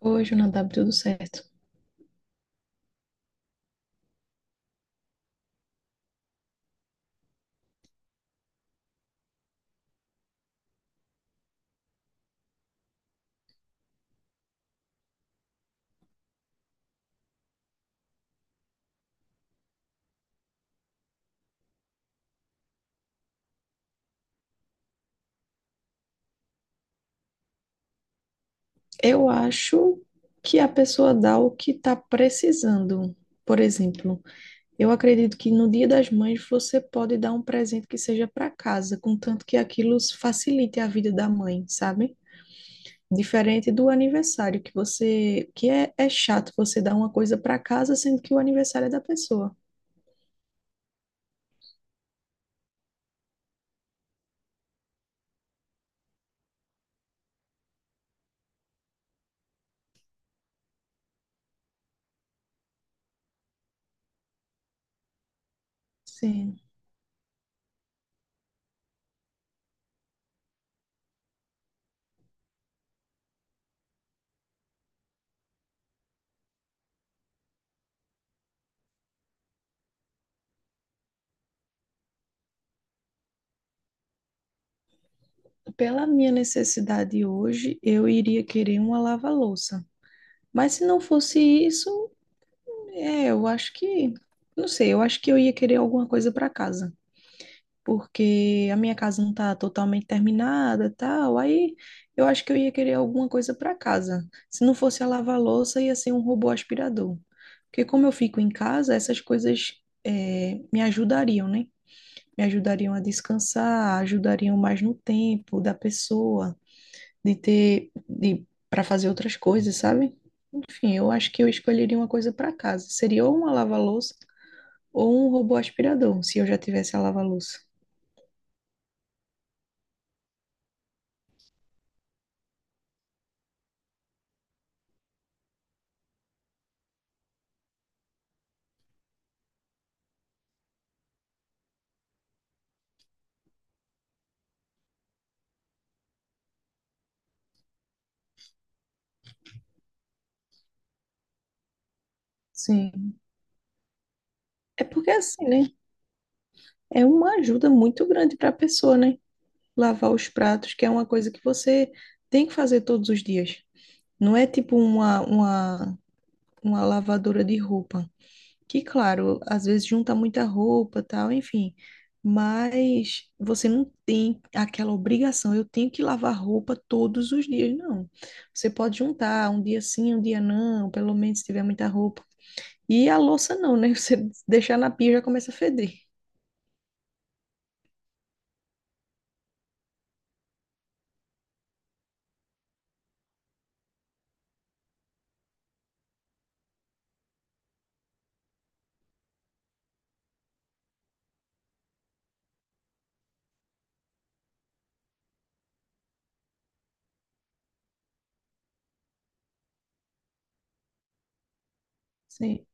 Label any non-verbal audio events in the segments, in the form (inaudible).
Oi, Jonadab, tudo certo? Eu acho que a pessoa dá o que está precisando. Por exemplo, eu acredito que no Dia das Mães você pode dar um presente que seja para casa, contanto que aquilo facilite a vida da mãe, sabe? Diferente do aniversário, que é chato você dar uma coisa para casa, sendo que o aniversário é da pessoa. Sim. Pela minha necessidade hoje, eu iria querer uma lava-louça. Mas se não fosse isso, eu acho que, não sei, eu acho que eu ia querer alguma coisa para casa. Porque a minha casa não tá totalmente terminada, tal. Aí eu acho que eu ia querer alguma coisa para casa. Se não fosse a lava-louça, ia ser um robô aspirador. Porque como eu fico em casa, essas coisas me ajudariam, né? Me ajudariam a descansar, ajudariam mais no tempo da pessoa, para fazer outras coisas, sabe? Enfim, eu acho que eu escolheria uma coisa para casa. Seria ou uma lava-louça ou um robô aspirador, se eu já tivesse a lava-louça. Sim. É porque assim, né? É uma ajuda muito grande para a pessoa, né? Lavar os pratos, que é uma coisa que você tem que fazer todos os dias. Não é tipo uma lavadora de roupa, que, claro, às vezes junta muita roupa, tal, enfim. Mas você não tem aquela obrigação, eu tenho que lavar roupa todos os dias, não. Você pode juntar um dia sim, um dia não, pelo menos se tiver muita roupa. E a louça não, né? (laughs) Você deixar na pia já começa a feder. Sim.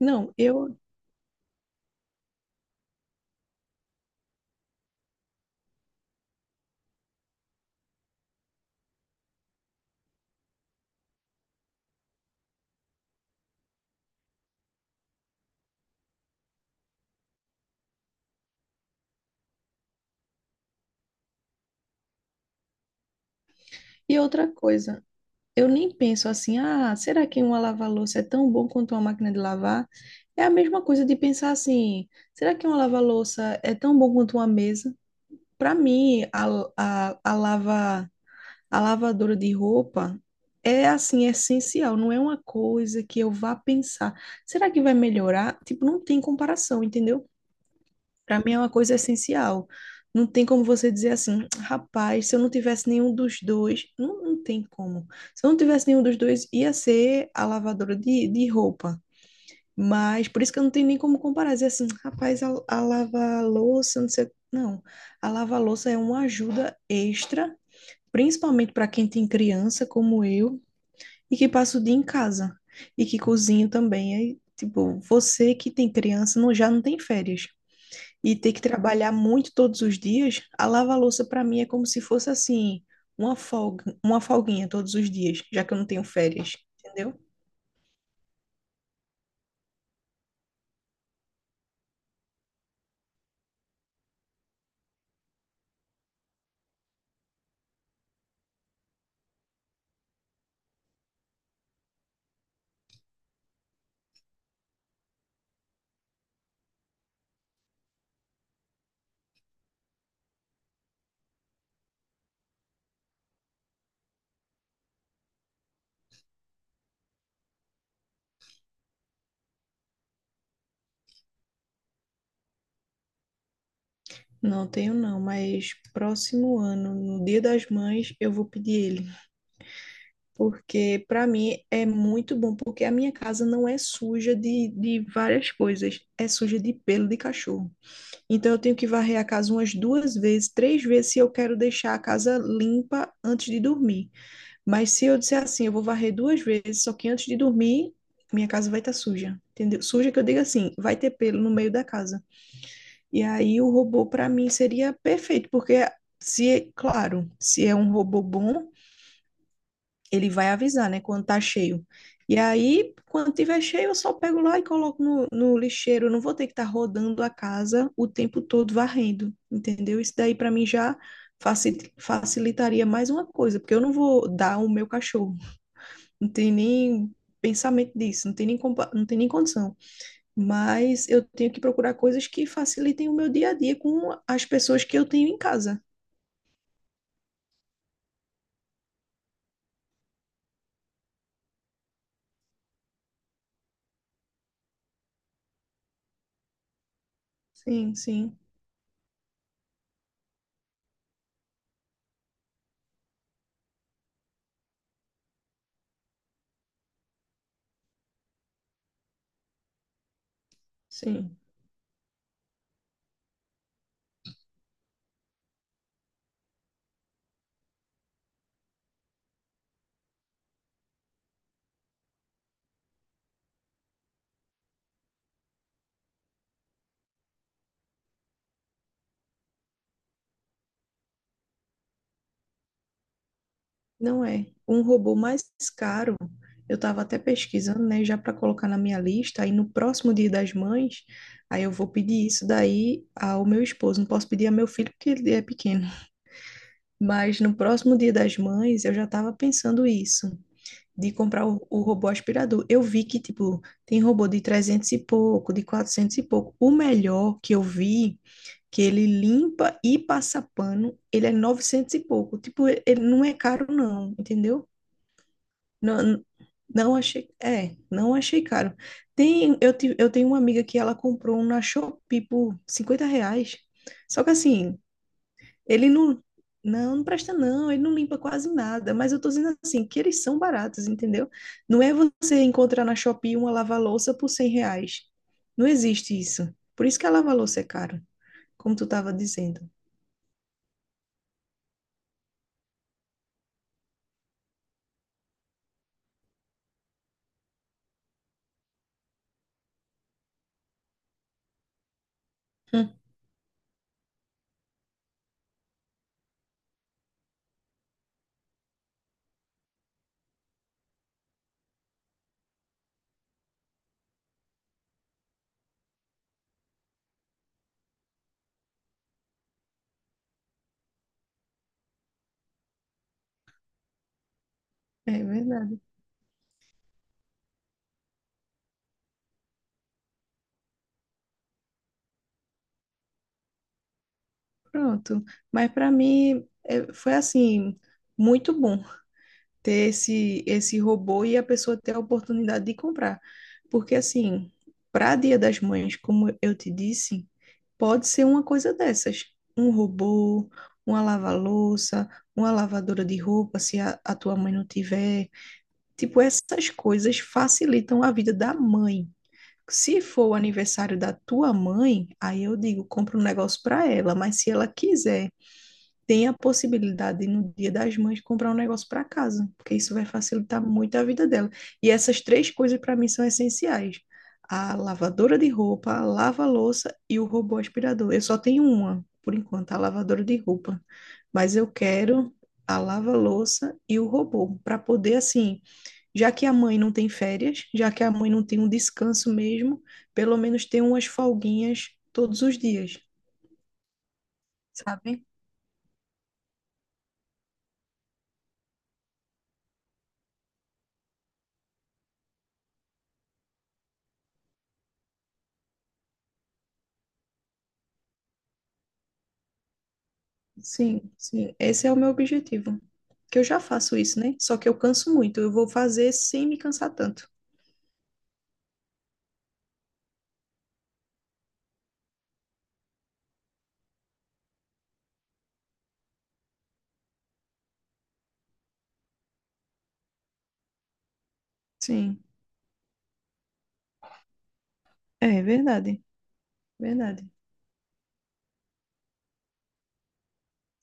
Não, eu. E outra coisa, eu nem penso assim, ah, será que uma lava-louça é tão bom quanto uma máquina de lavar? É a mesma coisa de pensar assim, será que uma lava-louça é tão bom quanto uma mesa? Para mim, a, a lava, a lavadora de roupa é assim, essencial, não é uma coisa que eu vá pensar, será que vai melhorar? Tipo, não tem comparação, entendeu? Para mim é uma coisa essencial. Não tem como você dizer assim, rapaz, se eu não tivesse nenhum dos dois, não, não tem como. Se eu não tivesse nenhum dos dois, ia ser a lavadora de roupa. Mas por isso que eu não tenho nem como comparar, dizer assim, rapaz, a lava-louça, não sei. Não, a lava-louça é uma ajuda extra, principalmente para quem tem criança como eu e que passa o dia em casa e que cozinha também. Aí, tipo, você que tem criança não, já não tem férias e ter que trabalhar muito todos os dias, a lava-louça para mim é como se fosse assim, uma folga, uma folguinha todos os dias, já que eu não tenho férias, entendeu? Não tenho não, mas próximo ano, no Dia das Mães, eu vou pedir ele, porque para mim é muito bom, porque a minha casa não é suja de várias coisas, é suja de pelo de cachorro. Então eu tenho que varrer a casa umas duas vezes, três vezes se eu quero deixar a casa limpa antes de dormir. Mas se eu disser assim, eu vou varrer duas vezes, só que antes de dormir, minha casa vai estar suja, entendeu? Suja que eu digo assim, vai ter pelo no meio da casa. E aí o robô para mim seria perfeito, porque se, é- claro, se é um robô bom, ele vai avisar, né, quando tá cheio. E aí, quando tiver cheio, eu só pego lá e coloco no lixeiro. Eu não vou ter que estar rodando a casa o tempo todo varrendo, entendeu? Isso daí para mim já facilitaria mais uma coisa, porque eu não vou dar o meu cachorro. Não tem nem pensamento disso, não tem nem, não tem nem condição. Mas eu tenho que procurar coisas que facilitem o meu dia a dia com as pessoas que eu tenho em casa. Sim, sim, sim. Não é. Um robô mais caro, eu estava até pesquisando, né, já para colocar na minha lista, aí no próximo Dia das Mães, aí eu vou pedir isso daí ao meu esposo. Não posso pedir ao meu filho porque ele é pequeno. Mas no próximo Dia das Mães, eu já estava pensando isso. De comprar o robô aspirador. Eu vi que, tipo, tem robô de 300 e pouco, de 400 e pouco. O melhor que eu vi, que ele limpa e passa pano, ele é 900 e pouco. Tipo, ele não é caro, não, entendeu? Não, não achei, é, não achei caro. Tem, eu tenho uma amiga que ela comprou um na Shopee por R$ 50. Só que assim, ele não presta não, ele não limpa quase nada, mas eu tô dizendo assim, que eles são baratos, entendeu? Não é você encontrar na Shopee uma lava-louça por R$ 100. Não existe isso. Por isso que a lava-louça é caro, como tu tava dizendo. Hum, É verdade. Pronto. Mas para mim é, foi assim, muito bom ter esse robô e a pessoa ter a oportunidade de comprar. Porque, assim, para Dia das Mães, como eu te disse, pode ser uma coisa dessas. Um robô, uma lava-louça, uma lavadora de roupa, se a tua mãe não tiver. Tipo, essas coisas facilitam a vida da mãe. Se for o aniversário da tua mãe, aí eu digo, compra um negócio para ela, mas se ela quiser tem a possibilidade de, no Dia das Mães, comprar um negócio para casa, porque isso vai facilitar muito a vida dela. E essas três coisas, para mim, são essenciais: a lavadora de roupa, a lava-louça e o robô aspirador. Eu só tenho uma, por enquanto, a lavadora de roupa. Mas eu quero a lava-louça e o robô, para poder, assim, já que a mãe não tem férias, já que a mãe não tem um descanso mesmo, pelo menos ter umas folguinhas todos os dias, sabe? Sim, sim. Esse é o meu objetivo. Que eu já faço isso, né? Só que eu canso muito. Eu vou fazer sem me cansar tanto. Sim. É verdade. Verdade.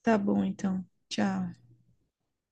Tá bom, então. Tchau.